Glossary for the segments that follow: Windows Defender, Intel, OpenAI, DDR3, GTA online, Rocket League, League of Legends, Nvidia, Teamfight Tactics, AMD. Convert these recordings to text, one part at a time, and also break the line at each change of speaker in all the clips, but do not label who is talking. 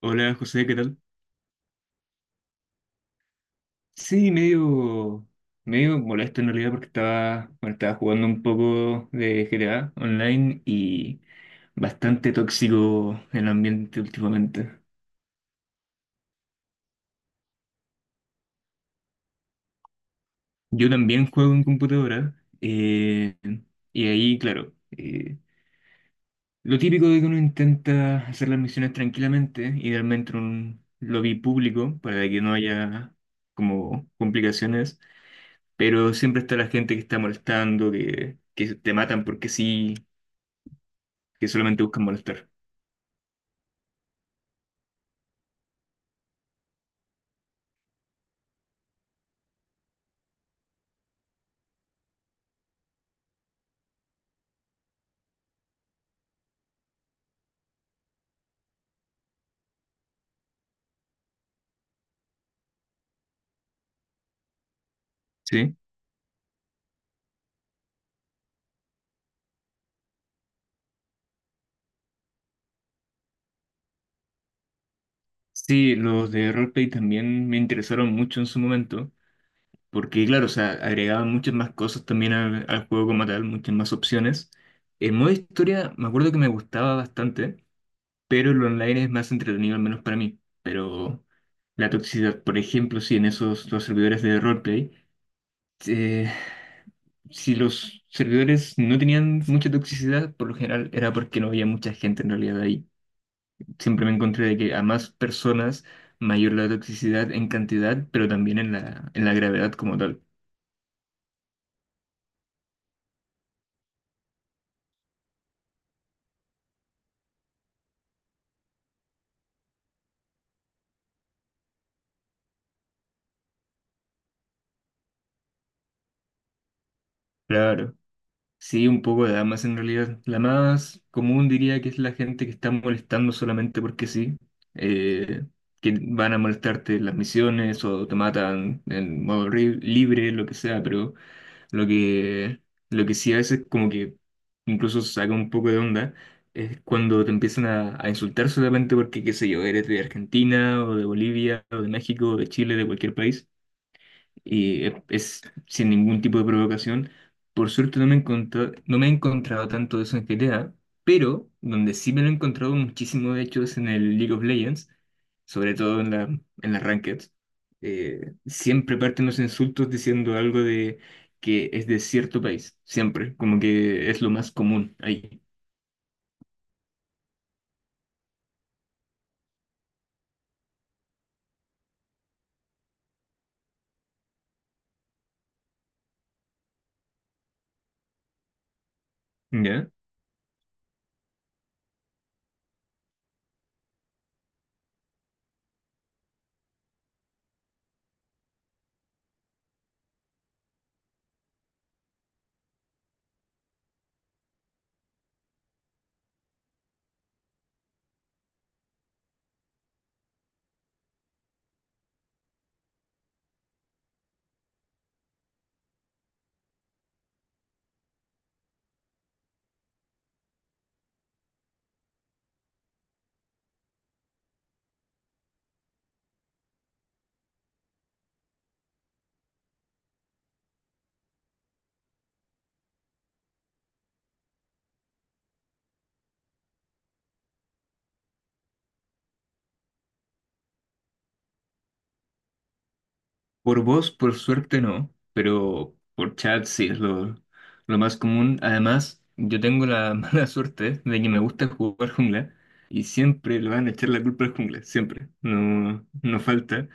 Hola José, ¿qué tal? Sí, medio, medio molesto en realidad porque estaba, bueno, estaba jugando un poco de GTA online y bastante tóxico el ambiente últimamente. Yo también juego en computadora y ahí, claro, lo típico de que uno intenta hacer las misiones tranquilamente, idealmente en un lobby público para que no haya como complicaciones. Pero siempre está la gente que está molestando, que te matan porque sí, que solamente buscan molestar. Sí. Sí, los de roleplay también me interesaron mucho en su momento, porque claro, o sea, agregaban muchas más cosas también al juego como tal, muchas más opciones. El modo historia me acuerdo que me gustaba bastante, pero el online es más entretenido, al menos para mí. Pero la toxicidad, por ejemplo, sí, en esos los servidores de roleplay. eh, Si los servidores no tenían mucha toxicidad, por lo general era porque no había mucha gente en realidad ahí. Siempre me encontré de que a más personas, mayor la toxicidad en cantidad, pero también en la gravedad como tal. Claro, sí, un poco de damas en realidad. La más común diría que es la gente que está molestando solamente porque sí, eh, que van a molestarte en las misiones o te matan en modo libre, lo que sea, pero lo que, lo que sí a veces como que incluso saca un poco de onda es cuando te empiezan a insultar solamente porque, qué sé yo, eres de Argentina o de Bolivia o de México o de Chile, de cualquier país y es sin ningún tipo de provocación. Por suerte no me he encontrado tanto de eso en GTA, pero donde sí me lo he encontrado muchísimo de hecho es en el League of Legends, sobre todo en las rankeds. Siempre parten los insultos diciendo algo de que es de cierto país, siempre, como que es lo más común ahí. ¿Ya? Por voz, por suerte no, pero por chat sí es lo más común. Además, yo tengo la mala suerte de que me gusta jugar jungla y siempre le van a echar la culpa al jungla, siempre, no, no falta.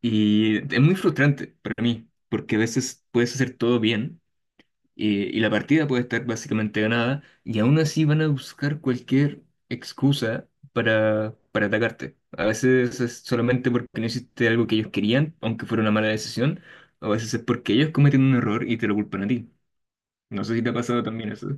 Y es muy frustrante para mí, porque a veces puedes hacer todo bien y la partida puede estar básicamente ganada y aún así van a buscar cualquier excusa para atacarte. A veces es solamente porque no hiciste algo que ellos querían, aunque fuera una mala decisión, a veces es porque ellos cometieron un error y te lo culpan a ti. No sé si te ha pasado también eso.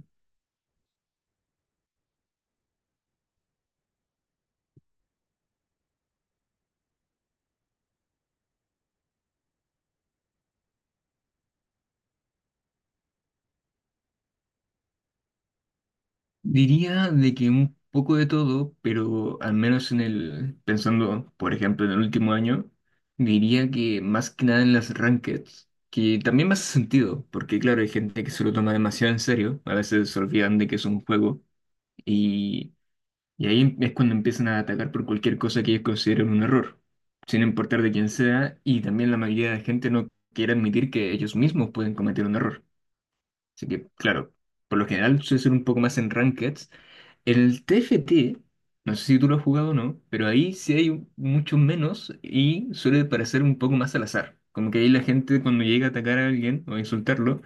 Diría de que un poco de todo, pero al menos en el, pensando, por ejemplo, en el último año, diría que más que nada en las rankeds, que también me hace sentido, porque claro, hay gente que se lo toma demasiado en serio, a veces se olvidan de que es un juego, y, y ahí es cuando empiezan a atacar por cualquier cosa que ellos consideren un error, sin importar de quién sea, y también la mayoría de gente no quiere admitir que ellos mismos pueden cometer un error. Así que, claro, por lo general suele ser un poco más en rankeds. El TFT, no sé si tú lo has jugado o no, pero ahí sí mucho menos y suele parecer un poco más al azar. Como que ahí la gente cuando llega a atacar a alguien o a insultarlo,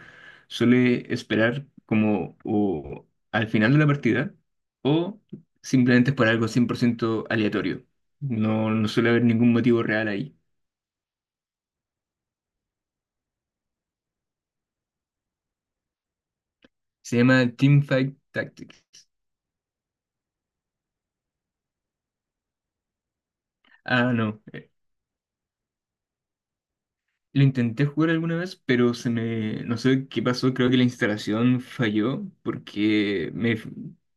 suele esperar como o al final de la partida o simplemente es por algo 100% aleatorio. No, no suele haber ningún motivo real ahí. Se llama Teamfight Tactics. Ah, no. Lo intenté jugar alguna vez, pero se me... No sé qué pasó, creo que la instalación falló porque me...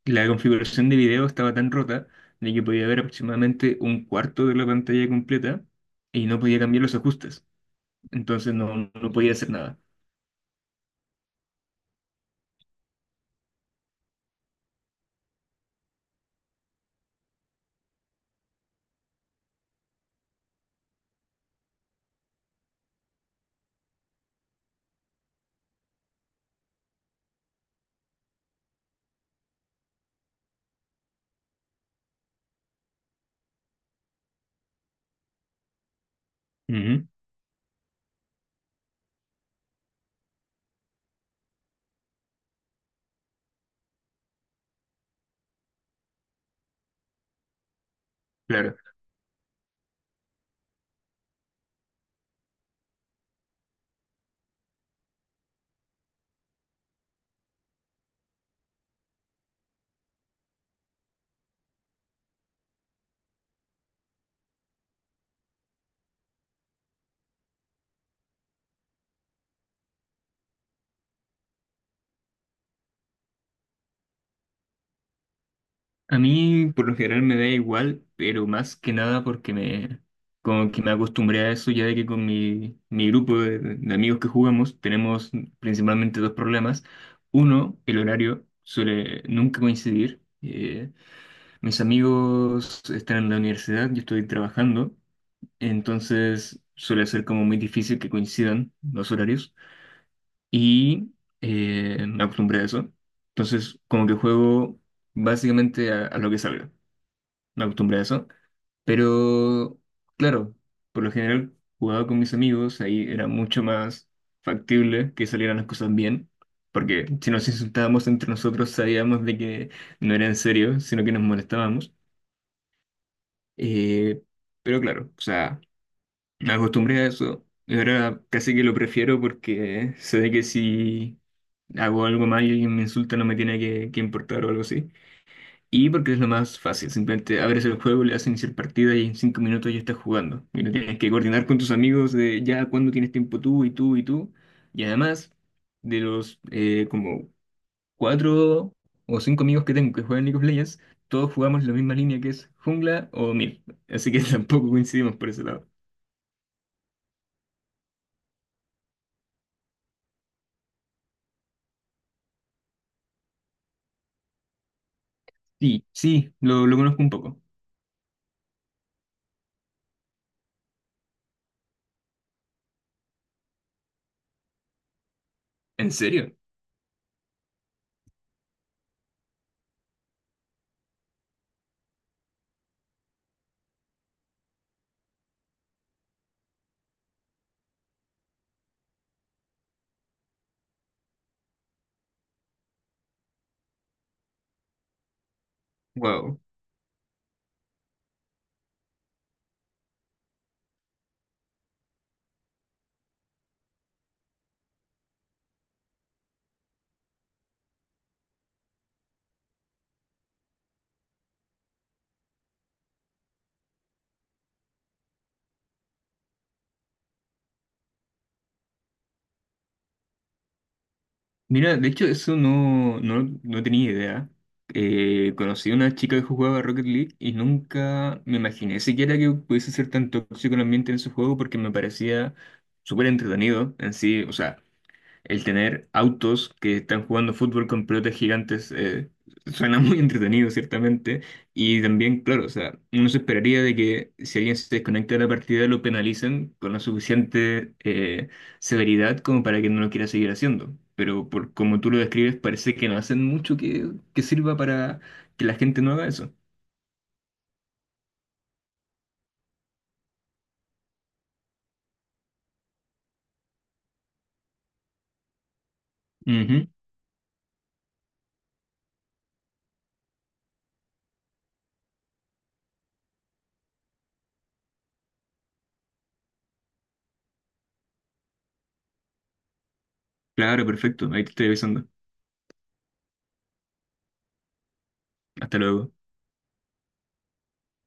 la configuración de video estaba tan rota de que podía ver aproximadamente un cuarto de la pantalla completa y no podía cambiar los ajustes. Entonces no, no podía hacer nada. Ujú. Claro. A mí por lo general me da igual, pero más que nada porque me como que me acostumbré a eso ya de que con mi grupo de amigos que jugamos tenemos principalmente dos problemas. Uno, el horario suele nunca coincidir. Mis amigos están en la universidad, yo estoy trabajando, entonces suele ser como muy difícil que coincidan los horarios y me acostumbré a eso. Entonces como que juego básicamente a lo que salga no acostumbré a eso. Pero, claro, por lo general jugaba con mis amigos, ahí era mucho más factible que salieran las cosas bien, porque si nos insultábamos entre nosotros sabíamos de que no era en serio, sino que nos molestábamos. Eh, pero claro, o sea, me acostumbré a eso, y ahora casi que lo prefiero porque sé de que si hago algo mal y alguien me insulta no me tiene que importar o algo así. Y porque es lo más fácil, simplemente abres el juego, le das iniciar partida y en cinco minutos ya estás jugando. Y no tienes que coordinar con tus amigos de ya cuándo tienes tiempo tú y tú y tú. Y además, de los como cuatro o cinco amigos que tengo que juegan League of Legends, todos jugamos la misma línea que es jungla o mid. Así que tampoco coincidimos por ese lado. Sí, sí, lo conozco un poco. ¿En serio? Wow. Mira, de hecho, eso no, no, no tenía idea. Conocí a una chica que jugaba Rocket League y nunca me imaginé siquiera que pudiese ser tan tóxico el ambiente en ese juego porque me parecía súper entretenido en sí. O sea, el tener autos que están jugando fútbol con pelotas gigantes suena muy entretenido, ciertamente. Y también, claro, o sea, uno se esperaría de que si alguien se desconecta de la partida lo penalicen con la suficiente severidad como para que no lo quiera seguir haciendo. Pero por como tú lo describes, parece que no hacen mucho que sirva para que la gente no haga eso. Ujú. Claro, perfecto. Ahí te estoy avisando. Hasta luego.